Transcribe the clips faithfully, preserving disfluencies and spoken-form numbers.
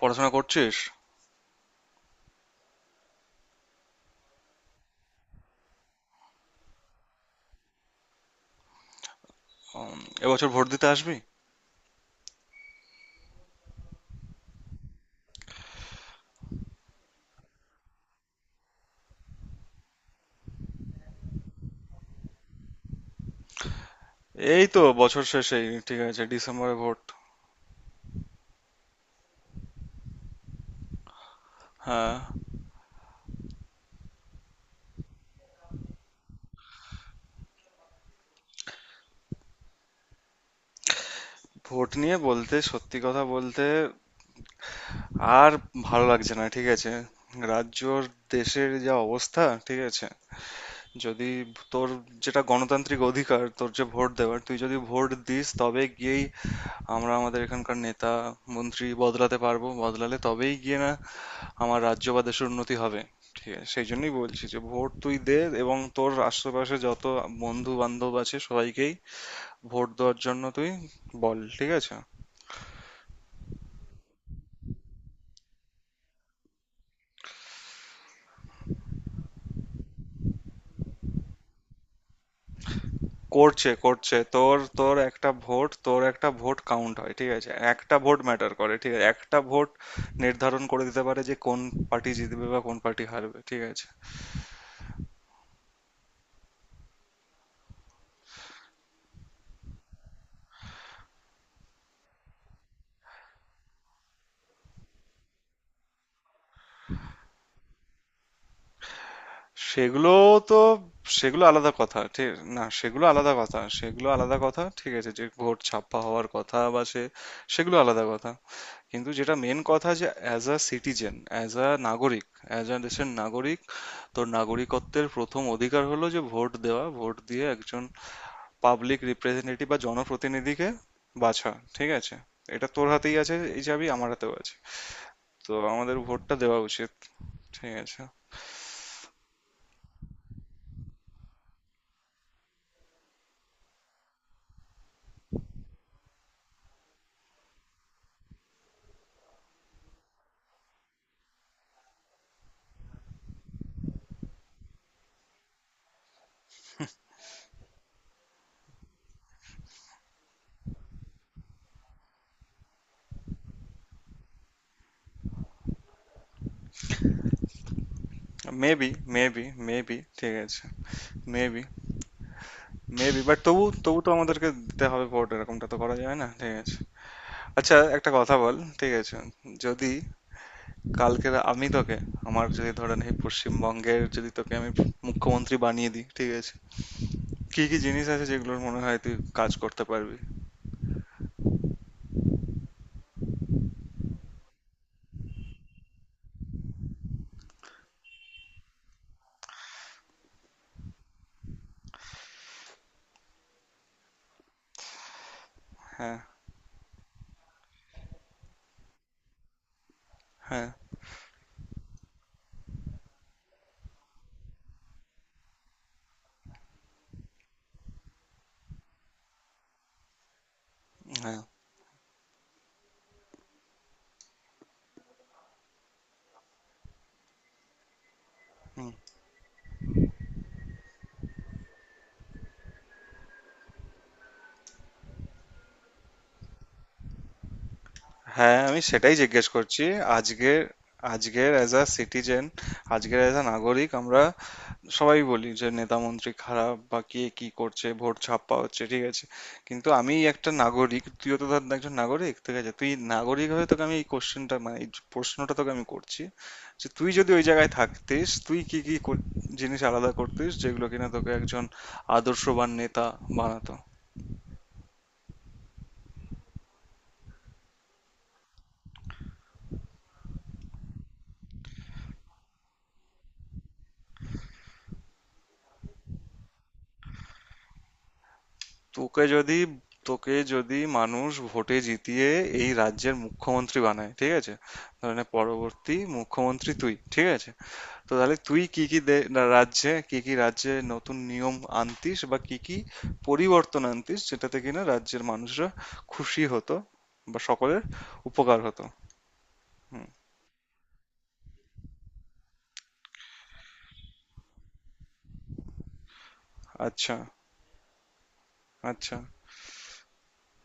পড়াশোনা করছিস? এবছর ভোট দিতে আসবি? এই তো বছর শেষেই, ঠিক আছে। ডিসেম্বরে ভোট। হ্যাঁ। ভোট নিয়ে বলতে, সত্যি কথা বলতে আর ভালো লাগছে না, ঠিক আছে? রাজ্যর, দেশের যা অবস্থা, ঠিক আছে, যদি তোর যেটা গণতান্ত্রিক অধিকার, তোর যে ভোট দেওয়ার, তুই যদি ভোট দিস তবে গিয়েই আমরা আমাদের এখানকার নেতা মন্ত্রী বদলাতে পারবো, বদলালে তবেই গিয়ে না আমার রাজ্য বা দেশের উন্নতি হবে। ঠিক আছে, সেই জন্যই বলছি যে ভোট তুই দে, এবং তোর আশেপাশে যত বন্ধু বান্ধব আছে সবাইকেই ভোট দেওয়ার জন্য তুই বল, ঠিক আছে। করছে, করছে, তোর তোর একটা ভোট তোর একটা ভোট কাউন্ট হয়, ঠিক আছে, একটা ভোট ম্যাটার করে, ঠিক আছে। একটা ভোট নির্ধারণ করে দিতে পারে যে কোন পার্টি জিতবে বা কোন পার্টি হারবে, ঠিক আছে। সেগুলো তো সেগুলো আলাদা কথা, ঠিক। না, সেগুলো আলাদা কথা, সেগুলো আলাদা কথা, ঠিক আছে। যে ভোট ছাপ্পা হওয়ার কথা বা সে, সেগুলো আলাদা কথা। কিন্তু যেটা মেন কথা, যে as a citizen, as a নাগরিক, অ্যাজ আ দেশের নাগরিক, তোর নাগরিকত্বের প্রথম অধিকার হলো যে ভোট দেওয়া। ভোট দিয়ে একজন পাবলিক রিপ্রেজেন্টেটিভ বা জনপ্রতিনিধিকে বাছা, ঠিক আছে। এটা তোর হাতেই আছে, এই চাবি আমার হাতেও আছে, তো আমাদের ভোটটা দেওয়া উচিত, ঠিক আছে। মেবি মেবি মেবি, ঠিক আছে, মেবি। মেবি বাট তবু তবু তো আমাদেরকে দিতে হবে ভোট, এরকমটা তো করা যায় না, ঠিক আছে। আচ্ছা একটা কথা বল, ঠিক আছে। যদি কালকে আমি তোকে, আমার যদি ধরেন এই পশ্চিমবঙ্গের যদি তোকে আমি মুখ্যমন্ত্রী বানিয়ে দিই, ঠিক আছে, কি কি জিনিস আছে যেগুলোর মনে হয় তুই কাজ করতে পারবি? হ্যাঁ, হ্যাঁ, হ্যাঁ। হুম। হ্যাঁ, আমি সেটাই জিজ্ঞেস করছি। আজকের, আজকের অ্যাজ আ সিটিজেন, আজকের অ্যাজ আ নাগরিক, আমরা সবাই বলি যে নেতা মন্ত্রী খারাপ, বা কে কি করছে, ভোট ছাপ্পা হচ্ছে, ঠিক আছে। কিন্তু আমি একটা নাগরিক, তুইও তো ধর একজন নাগরিক, ঠিক আছে, তুই নাগরিক হয়ে তোকে আমি এই কোশ্চেনটা মানে এই প্রশ্নটা তোকে আমি করছি যে তুই যদি ওই জায়গায় থাকতিস তুই কি কি কর- জিনিস আলাদা করতিস যেগুলো কিনা তোকে একজন আদর্শবান নেতা বানাতো। তোকে যদি তোকে যদি মানুষ ভোটে জিতিয়ে এই রাজ্যের মুখ্যমন্ত্রী বানায়, ঠিক আছে, ধরেনে পরবর্তী মুখ্যমন্ত্রী তুই, ঠিক আছে, তো তাহলে তুই কি কি দে- রা- রাজ্যে কি কি রাজ্যে নতুন নিয়ম আনতিস বা কি কি পরিবর্তন আনতিস যেটাতে কিনা রাজ্যের মানুষরা খুশি হতো বা সকলের উপকার হতো। হুম। আচ্ছা, আচ্ছা,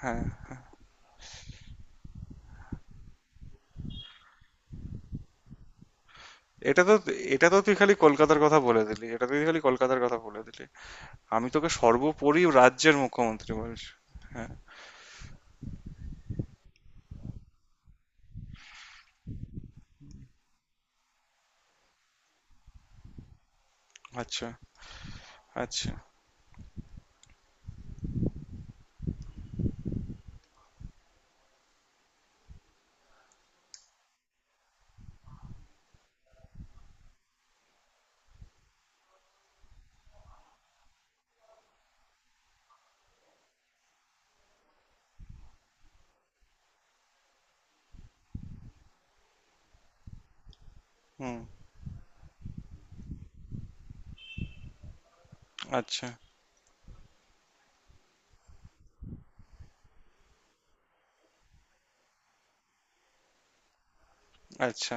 হ্যাঁ। এটা তো এটা তো তুই খালি কলকাতার কথা বলে দিলি, এটা তুই খালি কলকাতার কথা বলে দিলি। আমি তোকে সর্বোপরি রাজ্যের মুখ্যমন্ত্রী বলছি। হ্যাঁ, আচ্ছা, আচ্ছা, হুম, আচ্ছা, আচ্ছা,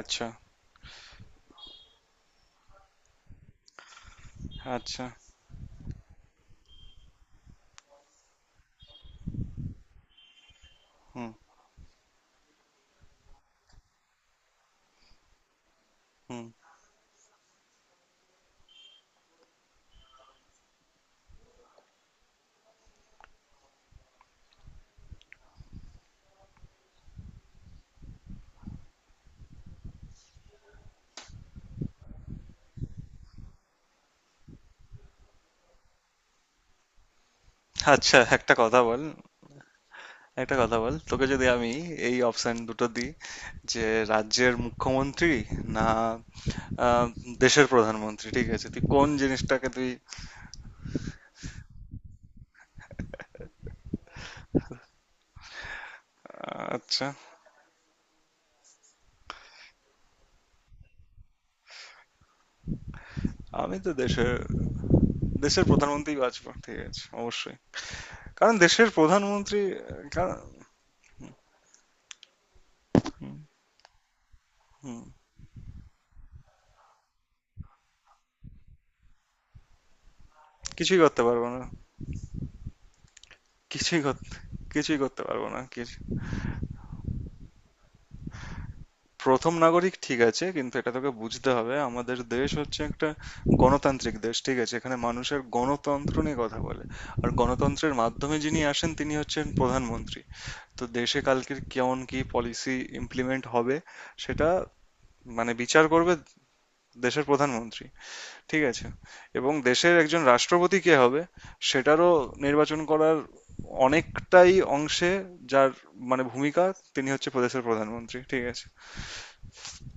আচ্ছা, আচ্ছা, হুম, হুম। আচ্ছা একটা কথা বল, একটা কথা বল, তোকে যদি আমি এই অপশন দুটো দিই যে রাজ্যের মুখ্যমন্ত্রী না আহ, দেশের প্রধানমন্ত্রী, ঠিক আছে, তুই কোন জিনিসটাকে তুই? আহ, আচ্ছা। আমি তো দেশের, দেশের প্রধানমন্ত্রী বাঁচবো, ঠিক আছে, অবশ্যই, কারণ দেশের প্রধানমন্ত্রী। আহ, কারণ, হুম, হুম, কিছুই করতে পারবো না। কিছুই কর- কিছুই করতে পারবো না কিছু। প্রথম নাগরিক, ঠিক আছে, কিন্তু এটা তোকে বুঝতে হবে, আমাদের দেশ হচ্ছে একটা গণতান্ত্রিক দেশ, ঠিক আছে। এখানে মানুষের গণতন্ত্র নিয়ে কথা বলে, আর গণতন্ত্রের মাধ্যমে যিনি আসেন তিনি হচ্ছেন প্রধানমন্ত্রী। তো দেশে কালকের কেমন কি পলিসি ইমপ্লিমেন্ট হবে সেটা মানে বিচার করবে দেশের প্রধানমন্ত্রী, ঠিক আছে। এবং দেশের একজন রাষ্ট্রপতি কে হবে সেটারও নির্বাচন করার অনেকটাই অংশে যার মানে ভূমিকা, তিনি হচ্ছে প্রদেশের প্রধানমন্ত্রী, ঠিক আছে।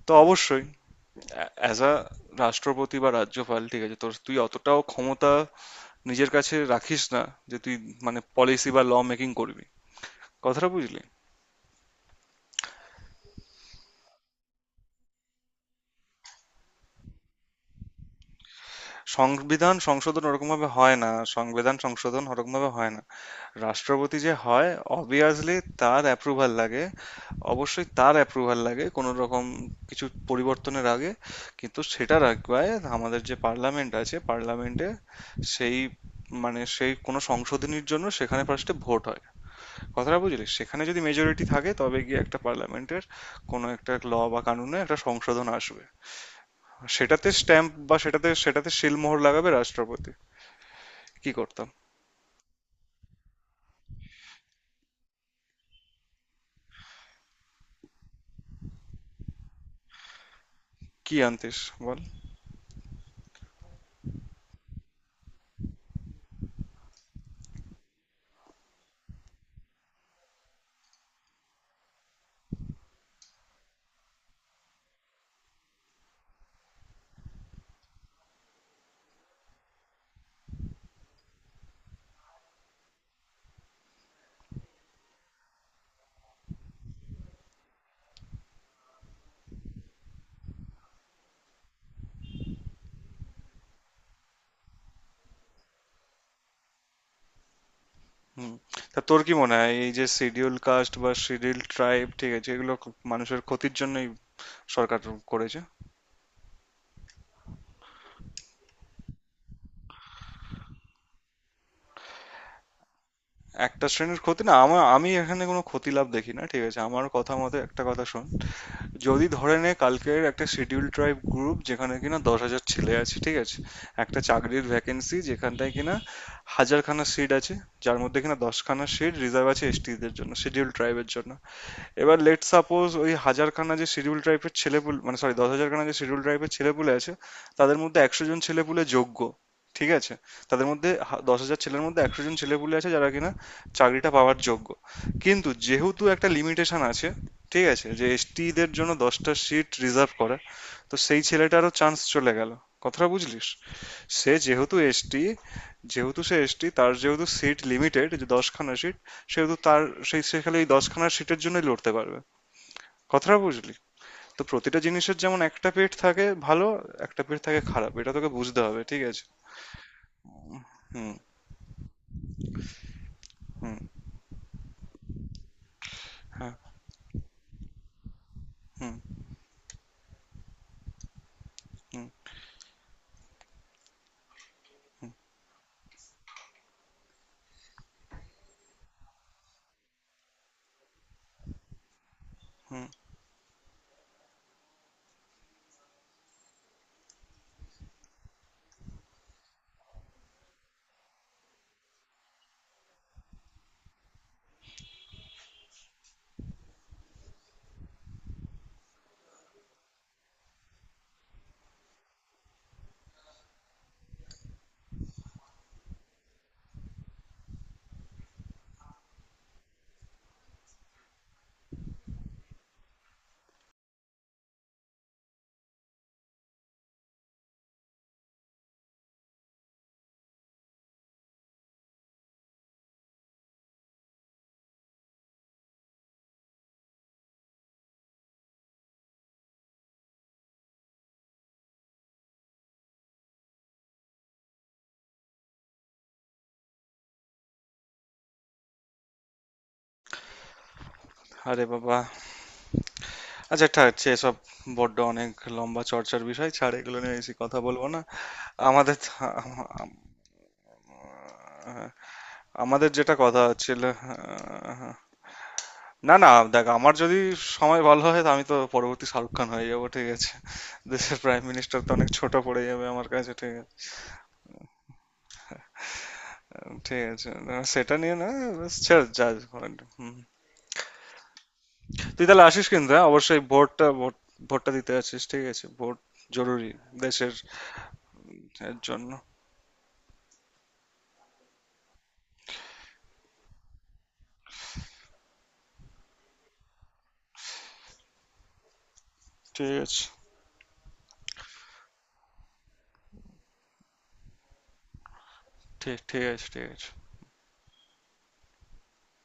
তো অবশ্যই অ্যাজ আ রাষ্ট্রপতি বা রাজ্যপাল, ঠিক আছে, তোর, তুই অতটাও ক্ষমতা নিজের কাছে রাখিস না যে তুই মানে পলিসি বা ল মেকিং করবি, কথাটা বুঝলি? সংবিধান সংশোধন ওরকম ভাবে হয় না, সংবিধান সংশোধন ওরকম ভাবে হয় না। রাষ্ট্রপতি যে হয়, অবভিয়াসলি তার অ্যাপ্রুভাল লাগে, অবশ্যই তার অ্যাপ্রুভাল লাগে কোনো রকম কিছু পরিবর্তনের আগে। কিন্তু সেটা রাখবায় আমাদের যে পার্লামেন্ট আছে, পার্লামেন্টে সেই মানে সেই কোনো সংশোধনীর জন্য সেখানে ফার্স্টে ভোট হয়, কথাটা বুঝলি। সেখানে যদি মেজরিটি থাকে তবে গিয়ে একটা পার্লামেন্টের কোনো একটা ল বা কানুনে একটা সংশোধন আসবে, সেটাতে স্ট্যাম্প বা সেটাতে সেটাতে সিলমোহর লাগাবে রাষ্ট্রপতি। কি করতাম, কি আনতিস, বল। হুম। তা তোর কি মনে হয় এই যে শিডিউল কাস্ট বা শিডিউল ট্রাইব, ঠিক আছে, এগুলো খুব মানুষের ক্ষতির জন্যই সরকার করেছে? একটা শ্রেণীর ক্ষতি না, আমার, আমি এখানে কোনো ক্ষতি লাভ দেখি না, ঠিক আছে, আমার কথা মতে একটা কথা শোন। যদি ধরে নে কালকের একটা শিডিউল ট্রাইব গ্রুপ যেখানে কিনা দশ হাজার ছেলে আছে, ঠিক আছে, একটা চাকরির ভ্যাকেন্সি যেখানটায় কিনা হাজারখানা সিট আছে, যার মধ্যে কিনা দশখানা সিট রিজার্ভ আছে এসটিদের জন্য, শিডিউল ট্রাইবের জন্য। এবার লেট সাপোজ ওই হাজারখানা যে শিডিউল ট্রাইবের ছেলেপুলে, মানে সরি দশ হাজারখানা যে শিডিউল ট্রাইবের ছেলেপুলে আছে তাদের মধ্যে একশো জন ছেলেপুলে যোগ্য, ঠিক আছে। তাদের মধ্যে হা- দশ হাজার ছেলের মধ্যে একশো জন ছেলেপুলে আছে যারা কিনা চাকরিটা পাওয়ার যোগ্য, কিন্তু যেহেতু একটা লিমিটেশন আছে, ঠিক আছে, যে এসটি দের জন্য দশটা সিট রিজার্ভ করা, তো সেই ছেলেটারও চান্স চলে গেল, কথাটা বুঝলিস। সে যেহেতু এসটি, যেহেতু সে এসটি তার যেহেতু সিট লিমিটেড, যে দশখানা সিট, সেহেতু তার, সেই, সে খালি ওই দশখানা সিটের জন্যই লড়তে পারবে, কথাটা বুঝলি। তো প্রতিটা জিনিসের যেমন একটা পেট থাকে ভালো, একটা পেট থাকে খারাপ, এটা তোকে বুঝতে হবে, ঠিক আছে। হুম, হুম, হ্যাঁ, হুম, হুম, হুম, হুম। আরে বাবা, আচ্ছা ঠিক আছে, এসব বড্ড অনেক লম্বা চর্চার বিষয়, ছাড় এগুলো নিয়ে বেশি কথা বলবো না। আমাদের, আম- আম- আমাদের যেটা কথা হচ্ছিল, না না, দেখ আমার যদি সময় ভালো হয় তো আমি তো পরবর্তী শাহরুখ খান হয়ে যাবো, ঠিক আছে, দেশের প্রাইম মিনিস্টার তো অনেক ছোট পড়ে যাবে আমার কাছে, ঠিক আছে। ঠিক আছে, না, সেটা নিয়ে না, ব্যাস ছেড় যা যখন। হুম। তুই তাহলে আসিস কিন্তু, হ্যাঁ? অবশ্যই ভোটটা, ভোট, ভোটটা দিতে আসিস, ঠিক আছে, ভোট জরুরি দেশের এর জন্য। ঠিক আছে। ঠিক ঠিক আছে, ঠিক আছে।